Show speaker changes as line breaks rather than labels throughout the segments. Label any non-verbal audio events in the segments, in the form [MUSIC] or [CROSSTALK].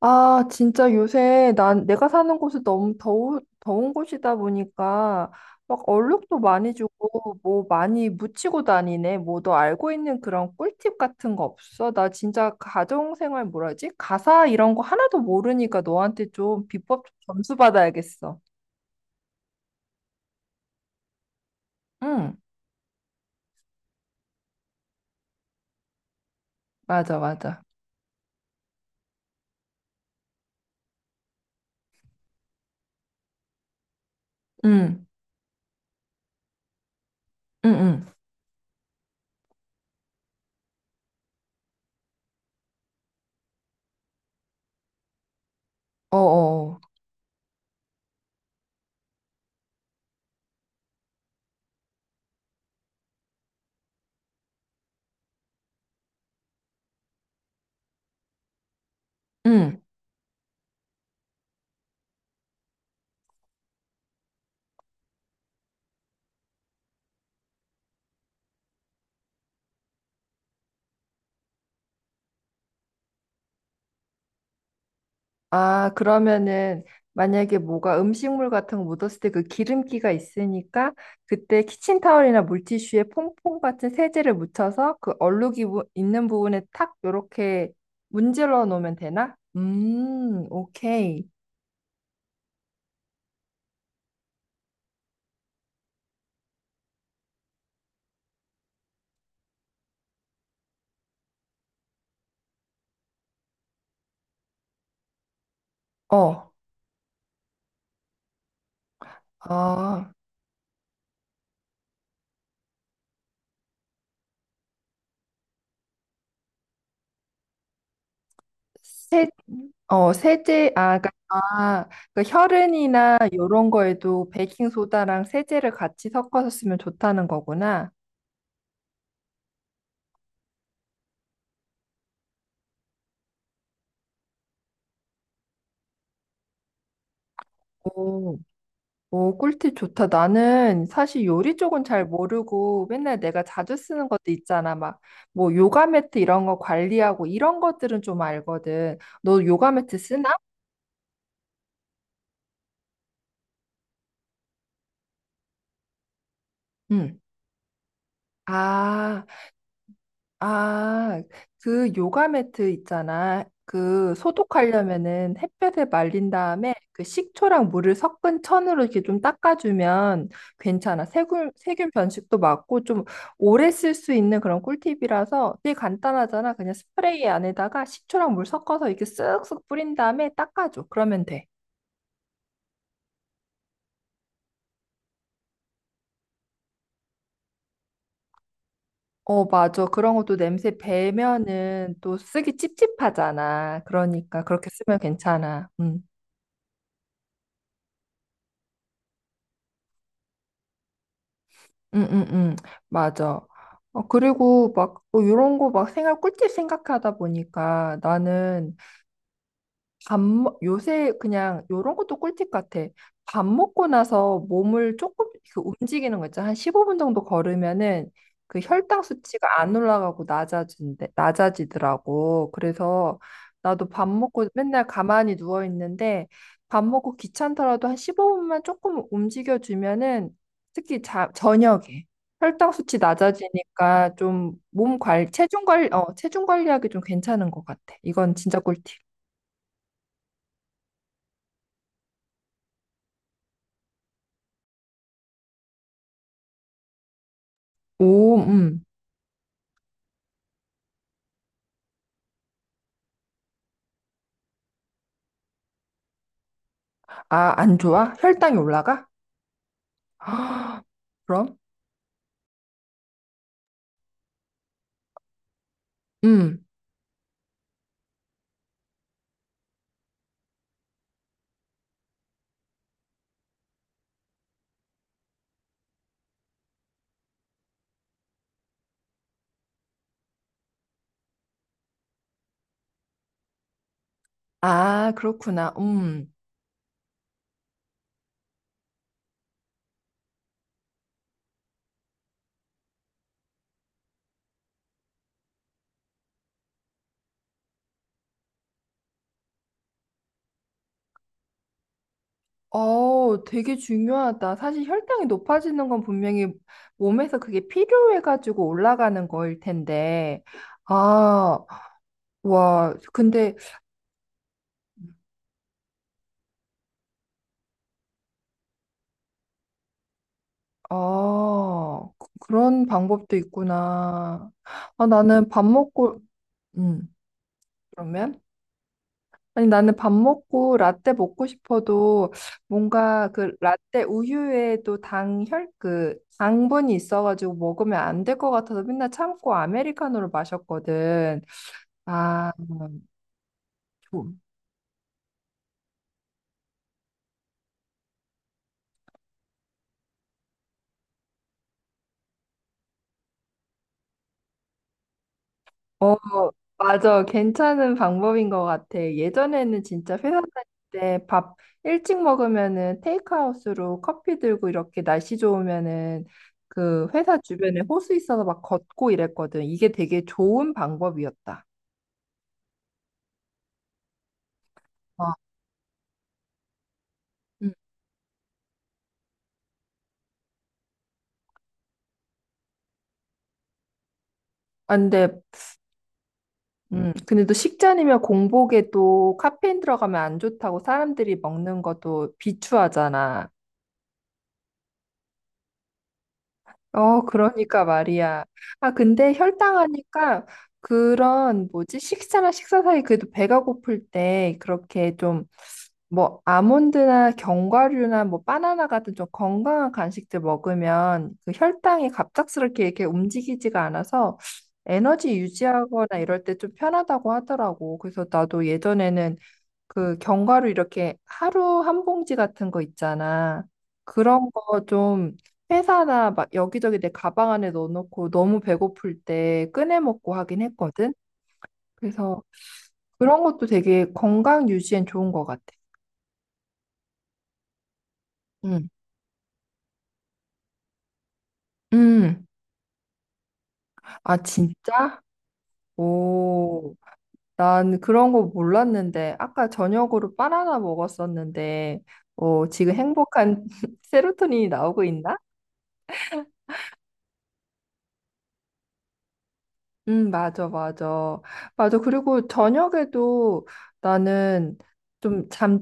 아, 진짜 요새 난 내가 사는 곳이 더운 곳이다 보니까 막 얼룩도 많이 주고 뭐 많이 묻히고 다니네. 뭐 너 알고 있는 그런 꿀팁 같은 거 없어? 나 진짜 가정생활 뭐라지? 가사 이런 거 하나도 모르니까 너한테 좀 비법 좀 점수 받아야겠어. 응, 맞아, 맞아. 응, 응, 응. 어어. 아, 그러면은 만약에 뭐가 음식물 같은 거 묻었을 때 그 기름기가 있으니까 그때 키친타월이나 물티슈에 퐁퐁 같은 세제를 묻혀서 그 얼룩이 있는 부분에 탁 요렇게 문질러 놓으면 되나? 오케이. 어, 아, 세, 세제, 아, 그러니까, 아, 그 혈흔이나 요런 거에도 베이킹소다랑 세제를 같이 섞어서 쓰면 좋다는 거구나. 오. 오, 꿀팁 좋다. 나는 사실 요리 쪽은 잘 모르고 맨날 내가 자주 쓰는 것도 있잖아. 막, 뭐, 요가 매트 이런 거 관리하고 이런 것들은 좀 알거든. 너 요가 매트 쓰나? 응. 아, 아, 그 요가 매트 있잖아. 그 소독하려면은 햇볕에 말린 다음에 그 식초랑 물을 섞은 천으로 이렇게 좀 닦아주면 괜찮아. 세균 변식도 막고 좀 오래 쓸 수 있는 그런 꿀팁이라서 되게 간단하잖아. 그냥 스프레이 안에다가 식초랑 물 섞어서 이렇게 쓱쓱 뿌린 다음에 닦아줘. 그러면 돼. 어, 맞아. 그런 것도 냄새 배면은 또 쓰기 찝찝하잖아. 그러니까 그렇게 쓰면 괜찮아. 음. 응응응 맞아. 어, 그리고 막 뭐 이런 거 막 생각 꿀팁 생각하다 보니까 나는 요새 그냥 요런 것도 꿀팁 같아. 밥 먹고 나서 몸을 조금 그 움직이는 거 있잖아. 한 15분 정도 걸으면은 그 혈당 수치가 안 낮아지더라고. 그래서 나도 밥 먹고 맨날 가만히 누워 있는데 밥 먹고 귀찮더라도 한 15분만 조금 움직여 주면은 특히 저녁에 혈당 수치 낮아지니까 좀 몸 관 체중 관리, 체중 관리하기 좀 괜찮은 것 같아. 이건 진짜 꿀팁. 오, 아, 안 좋아? 혈당이 올라가? [GASPS] 그럼? 음. 아, 그렇구나. 음. 어, 되게 중요하다. 사실 혈당이 높아지는 건 분명히 몸에서 그게 필요해가지고 올라가는 거일 텐데. 아, 와, 근데, 아, 그런 방법도 있구나. 아, 나는 밥 먹고, 음, 그러면? 아니, 나는 밥 먹고 라떼 먹고 싶어도 뭔가 그 라떼 우유에 또 그 당분이 있어가지고 먹으면 안 될 것 같아서 맨날 참고 아메리카노를 마셨거든. 아, 좀. 어, 맞아. 괜찮은 방법인 것 같아. 예전에는 진짜 회사 다닐 때 밥 일찍 먹으면은 테이크아웃으로 커피 들고 이렇게 날씨 좋으면은 그 회사 주변에 호수 있어서 막 걷고 이랬거든. 이게 되게 좋은 방법이었다. 음. 아, 근데, 근데 또 식전이면 공복에 또 카페인 들어가면 안 좋다고 사람들이 먹는 것도 비추하잖아. 어, 그러니까 말이야. 아, 근데 혈당하니까 그런 뭐지? 식사나 식사 사이 그래도 배가 고플 때 그렇게 좀 뭐 아몬드나 견과류나 뭐 바나나 같은 좀 건강한 간식들 먹으면 그 혈당이 갑작스럽게 이렇게 움직이지가 않아서 에너지 유지하거나 이럴 때 좀 편하다고 하더라고. 그래서 나도 예전에는 그 견과류 이렇게 하루 한 봉지 같은 거 있잖아. 그런 거 좀 회사나 막 여기저기 내 가방 안에 넣어놓고 너무 배고플 때 꺼내 먹고 하긴 했거든. 그래서 그런 것도 되게 건강 유지엔 좋은 것 같아. 응. 음. 아, 진짜? 오, 난 그런 거 몰랐는데, 아까 저녁으로 바나나 먹었었는데, 어, 지금 행복한 [LAUGHS] 세로토닌이 나오고 있나? 맞아, 맞아. 맞아. 그리고 저녁에도 나는 좀 잠,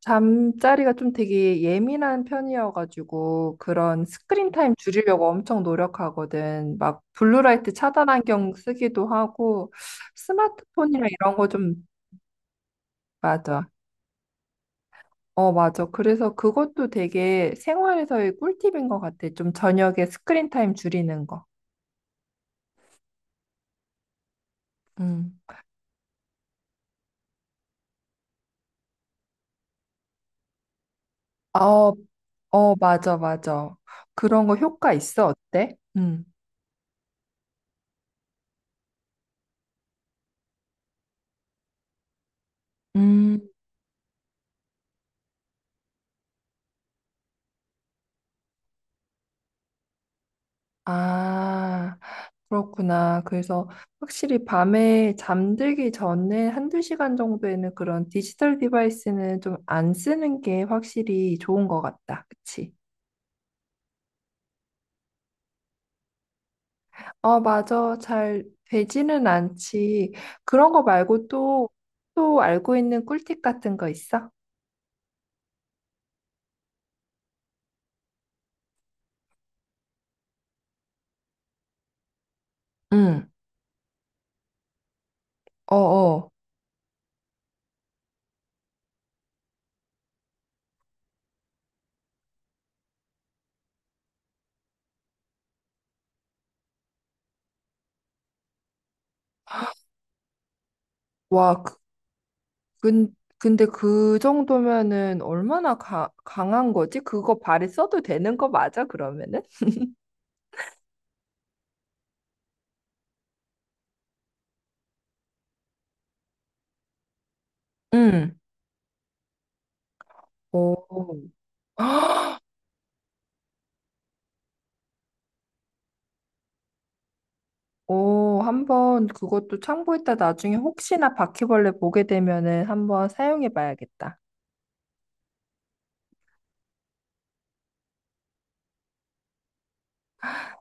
잠자리가 좀 되게 예민한 편이어가지고 그런 스크린 타임 줄이려고 엄청 노력하거든. 막 블루라이트 차단 안경 쓰기도 하고 스마트폰이나 이런 거 좀 맞아. 어, 맞아. 그래서 그것도 되게 생활에서의 꿀팁인 것 같아. 좀 저녁에 스크린 타임 줄이는 거. 음. 어, 어, 맞아, 맞아. 그런 거 효과 있어? 어때? 음. 음, 아, 그렇구나. 그래서 확실히 밤에 잠들기 전에 한두 시간 정도에는 그런 디지털 디바이스는 좀 안 쓰는 게 확실히 좋은 것 같다. 그치? 어, 맞아. 잘 되지는 않지. 그런 거 말고 또, 또 알고 있는 꿀팁 같은 거 있어? 응. 어, 어. 와, 근데 그 정도면은 얼마나 강한 거지? 그거 발에 써도 되는 거 맞아, 그러면은? 응. 오, [GASPS] 오, 한 번 그것도 참고했다. 나중에 혹시나 바퀴벌레 보게 되면은 한번 사용해 봐야겠다.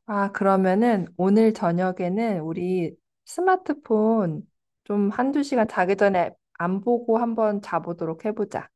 아, 그러면은 오늘 저녁에는 우리 스마트폰 좀 한두 시간 자기 전에 안 보고 한번 자보도록 해보자.